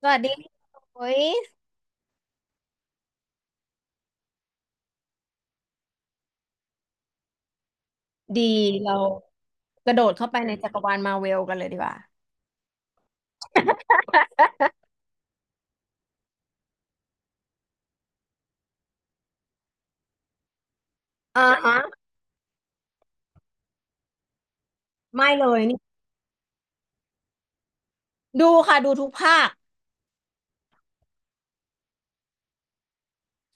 สวัสดีค่ะโอ้ยดีเรากระโดดเข้าไปในจักรวาลมาเวลกันเลยดีกว่าอ่าฮะไม่เลยนี่ดูค่ะดูทุกภาค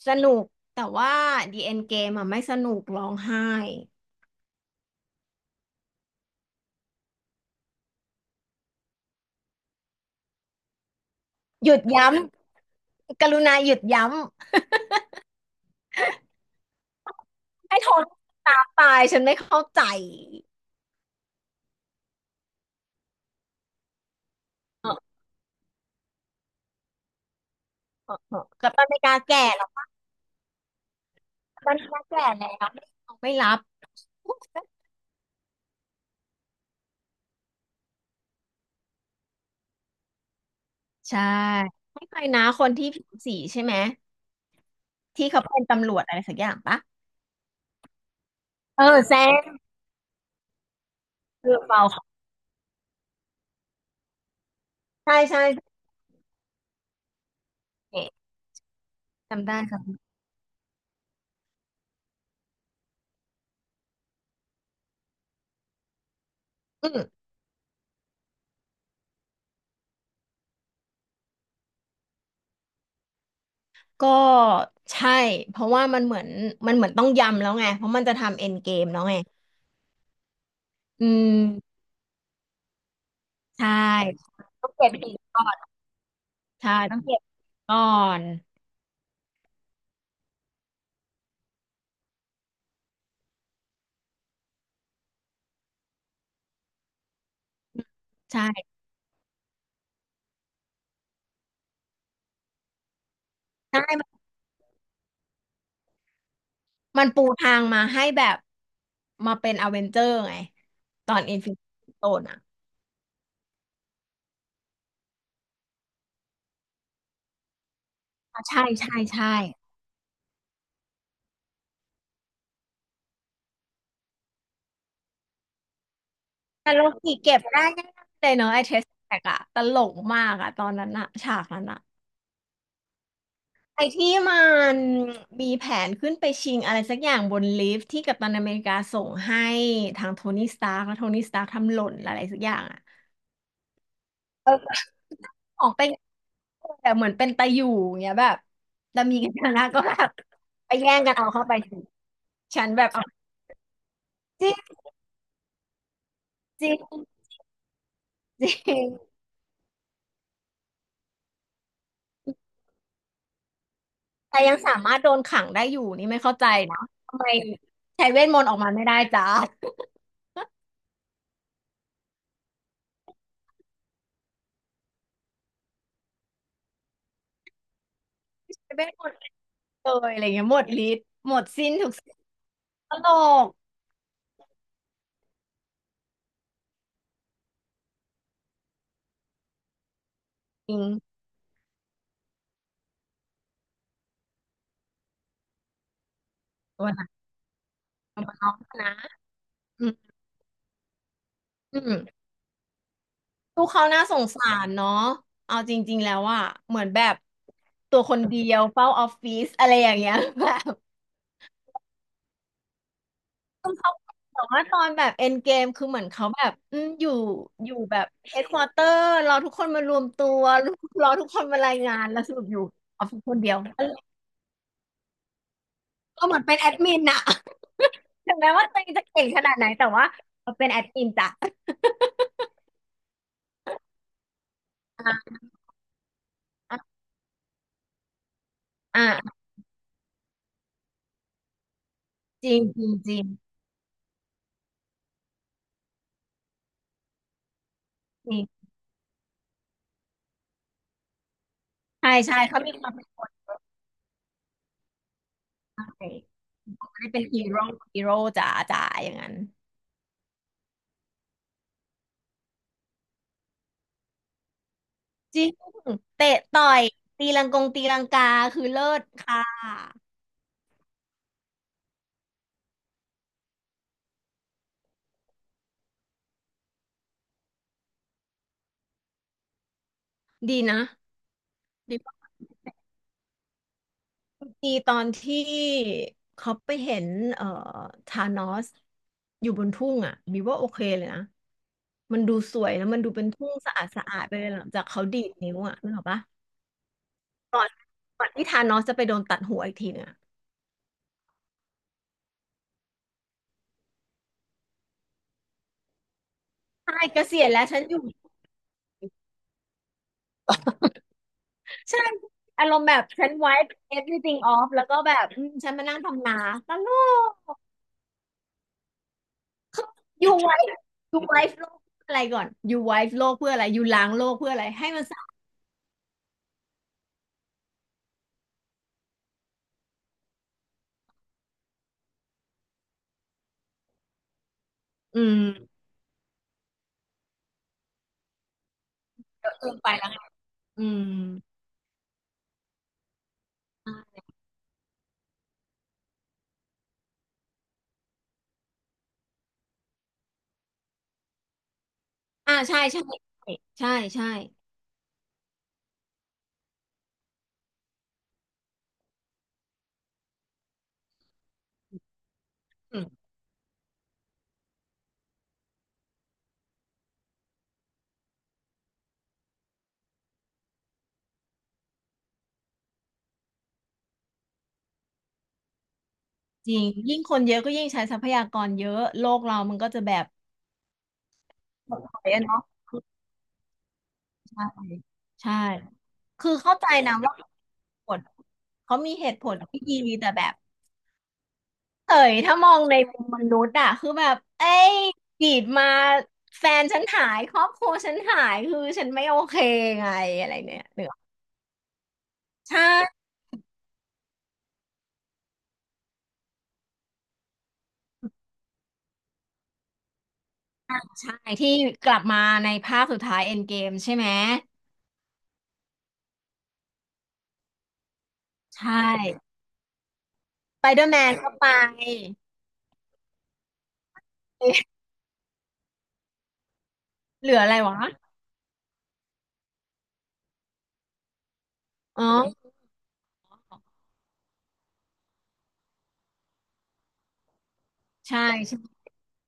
สนุกแต่ว่าดี e อ็นเกมอะไม่สนุกร้องไห้หยุดย้ำกรุณาหยุดย้ำให้ทนตามตายฉันไม่เข้าใจเออเออกับตันไม่กล้าแก่หรอกกัปตันไม่กล้าแก่แล้วเขาไม่รับใช่ให้ใครนะคนที่ผิวสีใช่ไหมที่เขาเป็นตำรวจอะไรสักอย่างปะเออแซมคือเปล่า ใช่ใช่เจำได้ครับอืมก็ใช่เพราะว่ามันเหมือนต้องยำแล้วไงเพราะมันจะทำเอ็นเกมแล้วไงอืมใช่ต้องเก็บหินก่อนใช่ต้องเก็บหินก่อนใช่ใช่มันมันปูทางมาให้แบบมาเป็นอเวนเจอร์ไงตอนอินฟินิตี้โ n นอ่ะใช่ใช่ใช่แต่โลกิเก็บได้ง่ายๆเลยเนาะไอ้เทสแท็กอะตลกมากอะตอนนั้นอะฉากนั้นอะ ไอ้ที่มันมีแผนขึ้นไปชิงอะไรสักอย่างบนลิฟต์ที่กัปตันอเมริกาส่งให้ทางโทนี่สตาร์กแล้วโทนี่สตาร์กทำหล่นอะไรสักอย่างอ่ะเออของเป็นแต่เหมือนเป็นตะอยู่อย่างเงี้ยแบบแล้วมีกันชนะก็แบบไปแย่งกันเอาเข้าไปสิฉันแบบเอาจริงจริงจริงแต่ยังสามารถโดนขังได้อยู่นี่ไม่เข้าใจนะทำไมใช้เวทมนต์ออกมาไม่ได้จ้าใช้เวทมนต์ไปเลยอะไรเงี้ยหมดฤทธิ์หมดสิ้นทุกสิ่งตลกจริง ของน้องนะอืมอืมลูกเขาน่าสงสารเนาะเอาจริงๆแล้วอะเหมือนแบบตัวคนเดียวเฝ้าออฟฟิศอะไรอย่างเงี้ยแบบต้อเขาแต่ว่าตอนแบบเอ็นเกมคือเหมือนเขาแบบอยู่อยู่แบบเฮดควอเตอร์รอทุกคนมารวมตัวรอทุกคนมารายงานแล้วสรุปอยู่ออฟฟิศคนเดียวก็เหมือนเป็นแอดมินอะถึงแม้ว่าตัวเองจะเก่งขนาดไหนแต่ว่าเป็นแอดมินจ้ะอ่าอ่าอ่าจริงจริงจริงจริงใช่ใช่เขามีความเป็น ใช่ได้เป็นฮีโร่ฮีโร่จ๋าจ๋าอย่างนั้นจริงเตะต่อยตีลังกงตีลังกาคือเลิศค่ะดีนะดีมากดีตอนที่เขาไปเห็นเอ่อธานอสอยู่บนทุ่งอ่ะมีว่าโอเคเลยนะมันดูสวยแล้วมันดูเป็นทุ่งสะอาดสะอาดไปเลยหลังจากเขาดีดนิ้วอ่ะนึกออกปะก่อนก่อนที่ธานอสจะไปโดนตัดหัวอีกทีนึงอะใช่เกษียณแล้วฉันอยู่ ใช่อารมณ์แบบฉัน wipe everything off แล้วก็แบบฉันมานั่งทำนาตลกเขา you wipe you wipe โลกเพื่ออะไรก่อน you wipe โลกเพื่ออะไร you ล้างโลกเพื่ออะไรให้มันสะอาดอืมก็เกินไปแล้วไงอืมอ่าใช่ใช่ใช่ใช่อืมจริงยิ่งคนเยอะก็ยิ่งใช้ทรัพยากรเยอะโลกเรามันก็จะแบบหดถอยอะเนาะใช่ใช่คือเข้าใจนะว่าเหตุผลเขามีเหตุผลที่ดีแต่แบบ เฉยถ้ามองในมุมมนุษย์อะคือแบบเอ้ยจีดมาแฟนฉันหายครอบครัวฉันหายคือฉันไม่โอเคไงอะไรเนี่ยเนื้อใช่ใช่ที่กลับมาในภาคสุดท้ายเอ็นเกมใช่ไหมใช่สไปเดอร์แมนก็ไปเหลืออะไรวะอ๋อใช่ใช่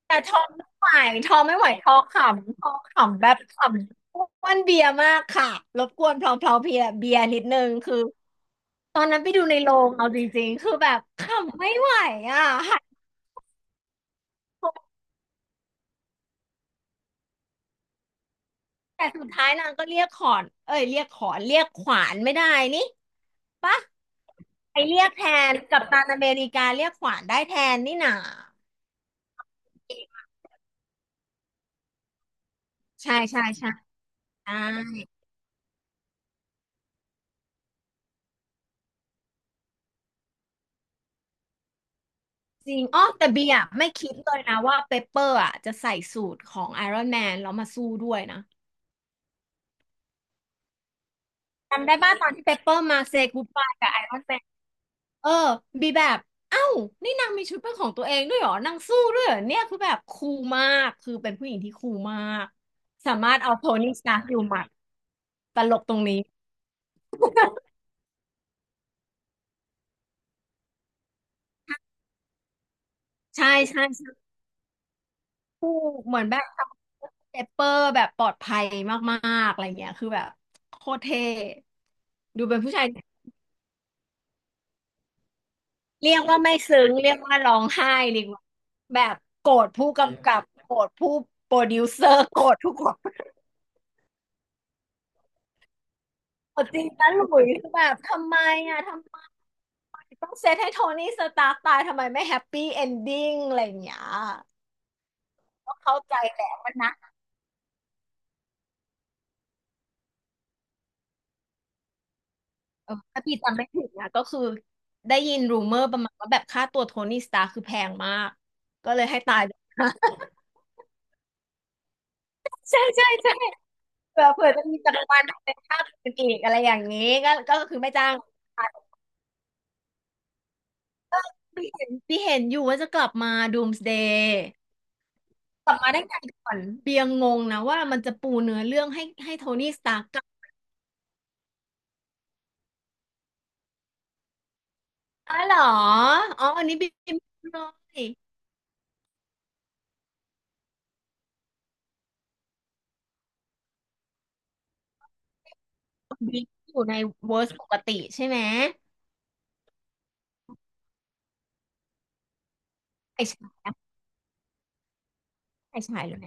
แต่ทอมไม่ไหวทอขำแบบขำอ้วนเบียร์มากค่ะรบกวนเพลาเบียร์นิดนึงคือ ตอนนั้นไปดูในโรงเอาจริงๆ คือแบบขำไม่ไหวอ่ะหัดโพสแต่สุดท้ายนางก็เรียกขอนเอ้ยเรียกขอนเรียกขวานไม่ได้นี่ปะไปเรียกแทนกัปตันอเมริกาเรียกขวานได้แทนนี่หนาใช่ใช่ใช่จริงอ๋อแต่เบียร์ไม่คิดเลยนะว่าเปเปอร์อ่ะจะใส่สูตรของไอรอนแมนแล้วมาสู้ด้วยนะจำได้ป่ะตอนที่เปเปอร์มาเซ y กู o d บายกับไอรอนแมน เออบีแบบเอ้านี่นางมีชุดเป็นของตัวเองด้วยเหรอนางสู้ด้วยเหรอเนี่ยคือแบบคูลมากคือเป็นผู้หญิงที่คูลมากสามารถเอาโทนี่สตาร์คอยู่หมัดตลกตรงนี้ ใช่ใช่ใช่คู่เหมือนแบบเปเปอร์แบบปลอดภัยมากๆอะไรเงี้ยคือแบบโคตรเท่ดูเป็นผู้ชายเรียกว่าไม่ซึ้งเรียกว่าร้องไห้ดีกว่าแบบโกรธผู้กำกับโกรธผู้โปรดิวเซอร์โกรธทุกคนโกรธ จริงนะหลุยคือแบบทำไมอ่ะทำไม ต้องเซตให้โทนี่สตาร์กตายทำไมไม่แฮปปี้เอนดิ้งอะไรอย่างเงี้ยก็เข้าใจแหละมันนะเออถ้าพี่จำไม่ผิดนะก็คือได้ยินรูเมอร์ประมาณว่าแบบค่าตัวโทนี่สตาร์คคือแพงมากก็เลยให้ตายเลยนะ ใช่ใช่ใช่เผื่อจะมีจักรวาลเป็นภาคอื่นอีกอะไรอย่างนี้ก็คือไม่จ้างพี่เห็นอยู่ว่าจะกลับมา Doomsday กลับมาได้ไงก่อนเบียงงงนะว่ามันจะปูเนื้อเรื่องให้โทนี่สตาร์ก อ๋อเหรออ๋ออันนี้บิมเลยบิมอยู่ในเวอร์สปกติใช่ไหมไอฉายอะไอฉายเลยไหม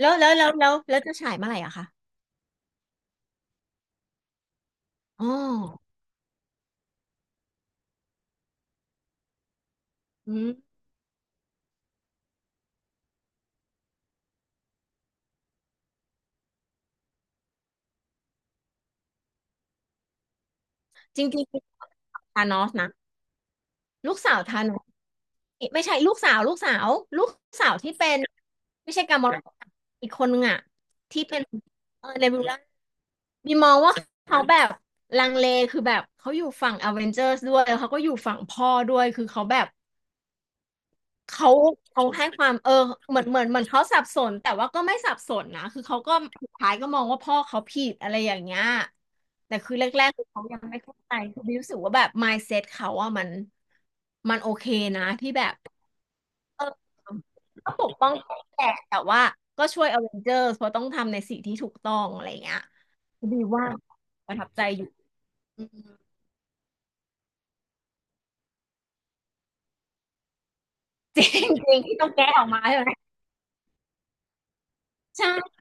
แล้วจะฉายเมื่อไหร่อะคะอ๋ออืมจริงจริงธานอสนะ ลูกสาวธานอสไม่ใช่ลูกสาวลูกสาวที่เป็นไม่ใช่กามอรอีกคนนึงอะที่เป็นเออเนบิวล่าบิมมองว่าเขาแบบลังเลคือแบบเขาอยู่ฝั่งอเวนเจอร์สด้วยแล้วเขาก็อยู่ฝั่งพ่อด้วยคือเขาแบบ เขาเขาให้ความเออเหมือนเขาสับสนแต่ว่าก็ไม่สับสนนะคือเขาก็สุดท้ายก็มองว่าพ่อเขาผิดอะไรอย่างเงี้ยแต่คือแรกๆคือเขายังไม่เข้าใจคือบิวรู้สึกว่าแบบ mindset เขาอะมันโอเคนะที่แบบเออก็ปกป้องแหละแต่ว่าก็ช่วยอเวนเจอร์เพราะต้องทำในสิ่งที่ถูกต้องอะไรอย่างเงี้ยดีว่าประทับใจอยู่อืมจริงจริงที่ต้องแก้ออกมาใช่ไหมใช่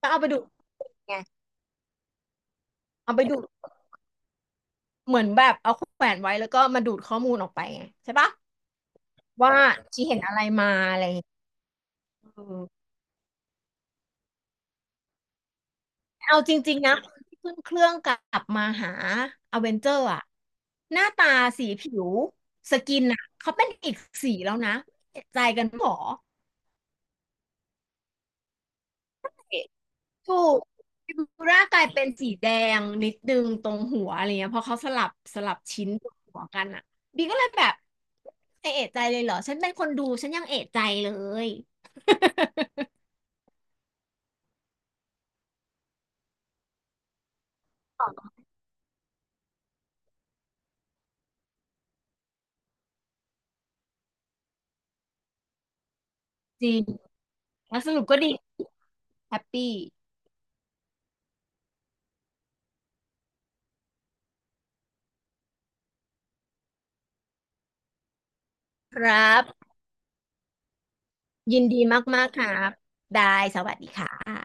ก็เอาไปดูไงเอาไปดู เหมือนแบบเอาแขวนไว้แล้วก็มาดูดข้อมูลออกไปไงใช่ปะว่าชีเห็นอะไรมาอะไรอย่างเงี้ยเออเอาจริงๆนะคนที่ขึ้นเครื่องกลับมาหาอเวนเจอร์อะหน้าตาสีผิวสกินอะเขาเป็นอีกสีแล้วนะเอีใจกันหมอถูกฟิบูร่ากลายเป็นสีแดงนิดนึงตรงหัวอะไรเงี้ยเพราะเขาสลับชิ้นตรงหัวกันอะบีก็เลยแบบเอะใจเลยเหรอฉันเป็นคนดูฉันยังเอะใจเลย จริงแล้วสรุปก็ดีแฮปปี้ครับยินดีมากๆครับได้สวัสดีค่ะ